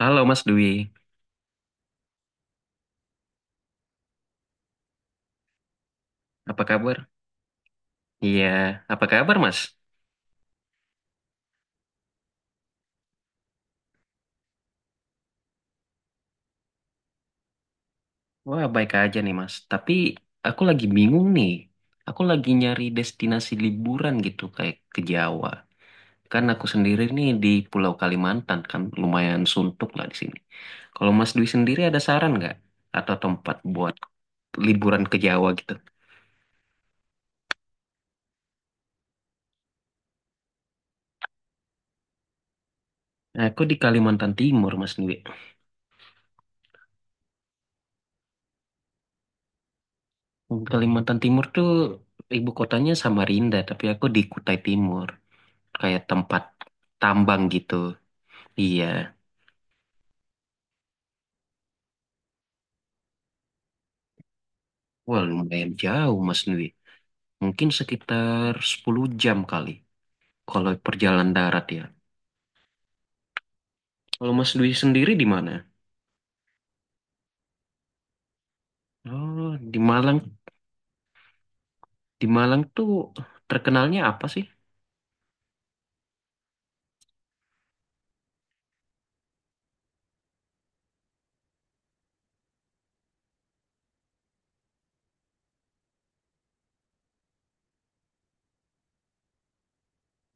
Halo Mas Dwi, apa kabar? Iya, apa kabar Mas? Wah, baik aja nih Mas. Tapi aku lagi bingung nih. Aku lagi nyari destinasi liburan gitu kayak ke Jawa. Kan aku sendiri nih di Pulau Kalimantan kan lumayan suntuk lah di sini. Kalau Mas Dwi sendiri ada saran nggak? Atau tempat buat liburan ke Jawa gitu? Nah, aku di Kalimantan Timur Mas Dwi. Kalimantan Timur tuh ibu kotanya Samarinda, tapi aku di Kutai Timur. Kayak tempat tambang gitu. Iya, wah lumayan jauh Mas Nwi. Mungkin sekitar 10 jam kali kalau perjalanan darat ya. Kalau Mas Nwi sendiri di mana? Oh, di Malang. Di Malang tuh terkenalnya apa sih?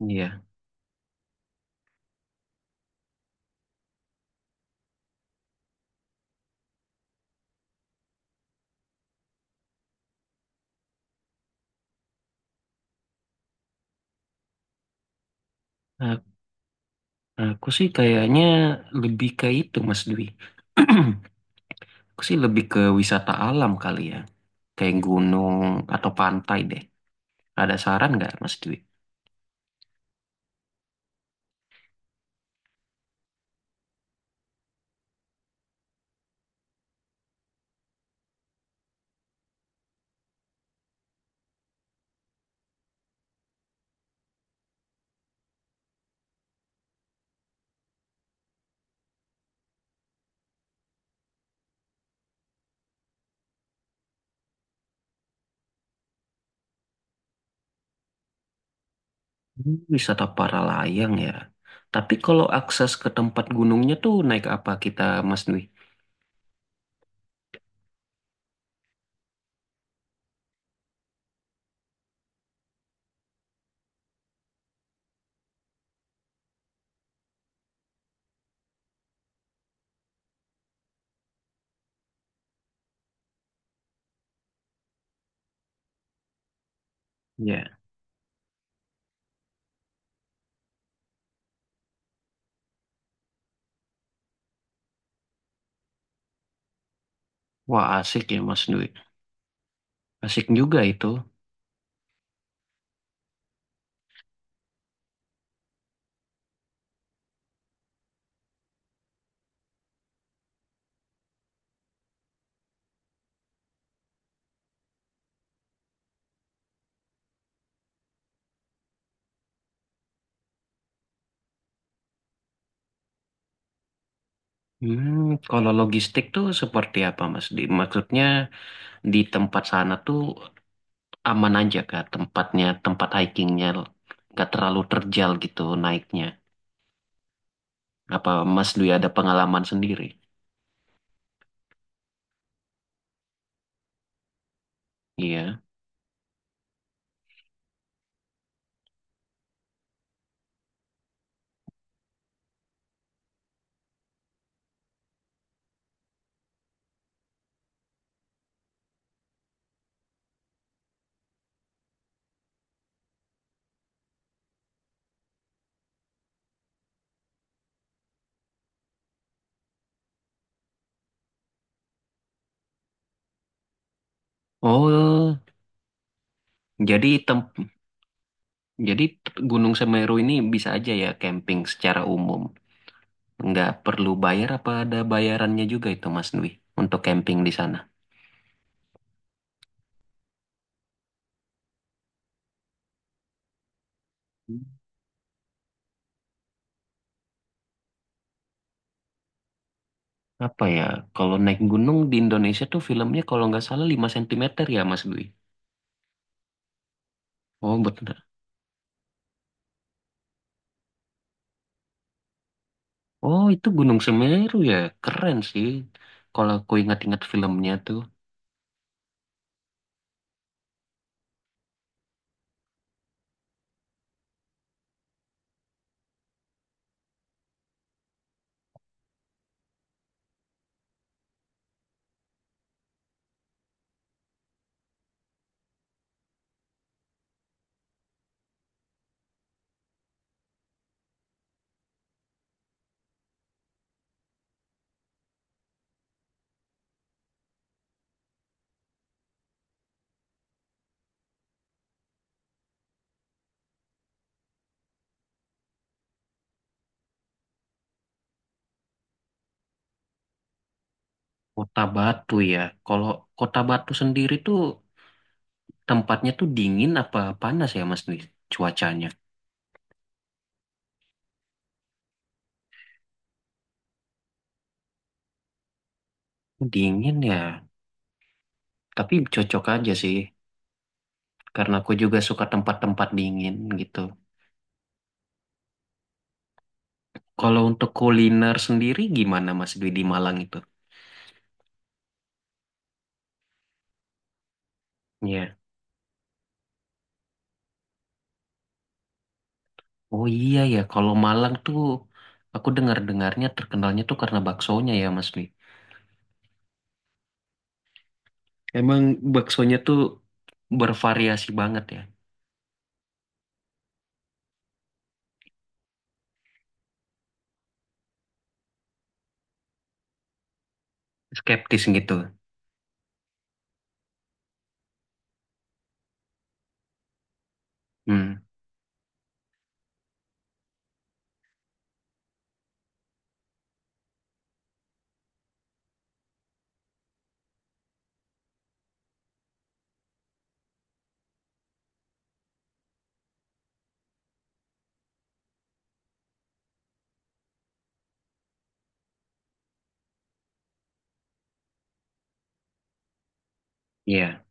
Iya, a- aku sih kayaknya lebih ke itu Mas Dwi. Aku sih lebih ke wisata alam kali ya, kayak gunung atau pantai deh. Ada saran nggak Mas Dwi? Hmm, wisata para layang ya. Tapi kalau akses ke tempat gunungnya tuh naik apa kita, Mas Dwi? Ya. Wah, asik ya, Mas Dwi. Asik juga itu. Hmm, kalau logistik tuh seperti apa, Mas Dwi? Maksudnya di tempat sana tuh aman aja kah tempatnya, tempat hikingnya nggak terlalu terjal gitu naiknya. Apa Mas Dwi ada pengalaman sendiri? Iya. Oh, jadi tem jadi Gunung Semeru ini bisa aja ya camping secara umum. Nggak perlu bayar apa ada bayarannya juga itu Mas Dwi untuk camping di sana? Apa ya, kalau naik gunung di Indonesia tuh filmnya kalau nggak salah 5 cm ya Mas Dwi? Oh bener. Oh itu Gunung Semeru ya, keren sih. Kalau aku ingat-ingat filmnya tuh Kota Batu ya. Kalau Kota Batu sendiri tuh tempatnya tuh dingin apa panas ya Mas Dwi? Cuacanya. Dingin ya, tapi cocok aja sih. Karena aku juga suka tempat-tempat dingin gitu. Kalau untuk kuliner sendiri gimana Mas Dwi di Malang itu? Iya. Oh iya ya, kalau Malang tuh aku dengar-dengarnya terkenalnya tuh karena baksonya ya Mas Dwi. Emang baksonya tuh bervariasi banget ya, skeptis gitu. Hmm, iya.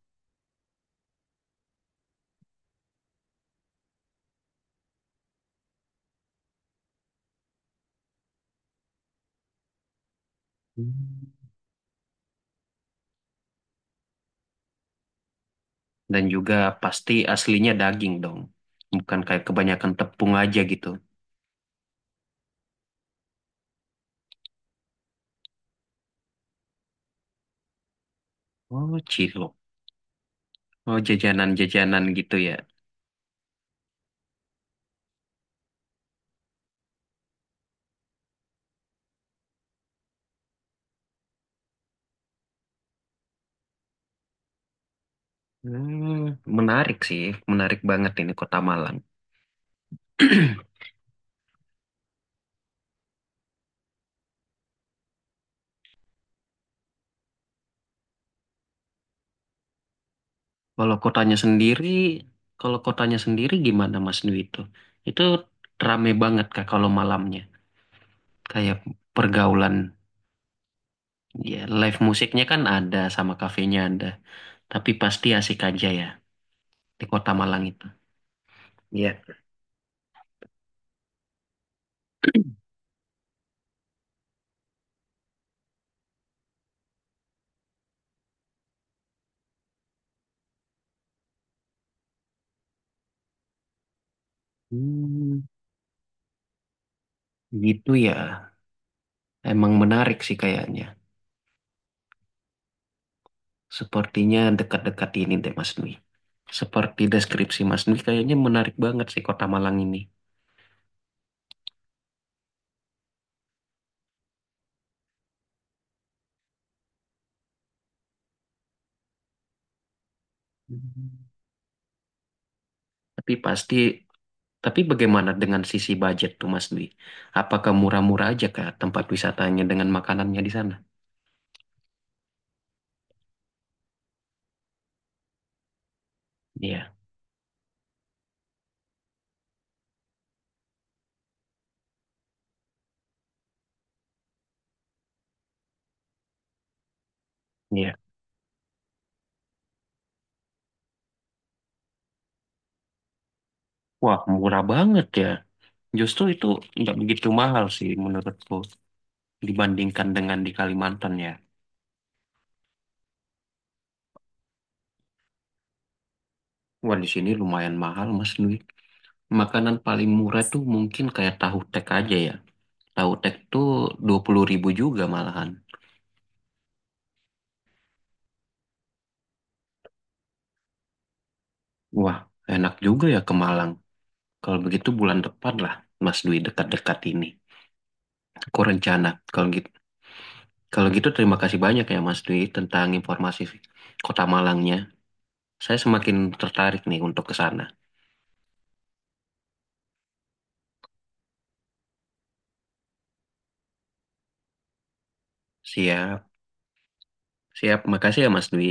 Hmm. Dan juga pasti aslinya daging dong, bukan kayak kebanyakan tepung aja gitu. Oh cilok, oh jajanan-jajanan gitu ya. Hmm, menarik sih, menarik banget ini kota Malang. Kalau kotanya sendiri, kalau kotanya sendiri, gimana Mas Dwi itu? Itu rame banget Kak kalau malamnya. Kayak pergaulan, ya live musiknya kan ada sama kafenya ada. Tapi pasti asik aja ya di kota Malang itu. Iya. Hmm, gitu ya. Emang menarik sih kayaknya. Sepertinya dekat-dekat ini deh Mas Dwi. Seperti deskripsi Mas Dwi kayaknya menarik banget sih kota Malang ini. Hmm. Tapi pasti Tapi bagaimana dengan sisi budget tuh Mas Dwi? Apakah murah-murah aja kah tempat wisatanya dengan makanannya di sana? Iya, iya. Wah, murah banget ya. Justru itu nggak begitu mahal sih menurutku dibandingkan dengan di Kalimantan ya. Wah, di sini lumayan mahal Mas Dwi. Makanan paling murah tuh mungkin kayak tahu tek aja ya. Tahu tek tuh 20.000 juga malahan. Wah, enak juga ya ke Malang. Kalau begitu bulan depan lah Mas Dwi dekat-dekat ini. Aku rencana kalau gitu Kalau gitu, terima kasih banyak ya Mas Dwi tentang informasi Kota Malangnya. Saya semakin tertarik nih untuk ke sana. Siap, siap. Makasih ya Mas Dwi.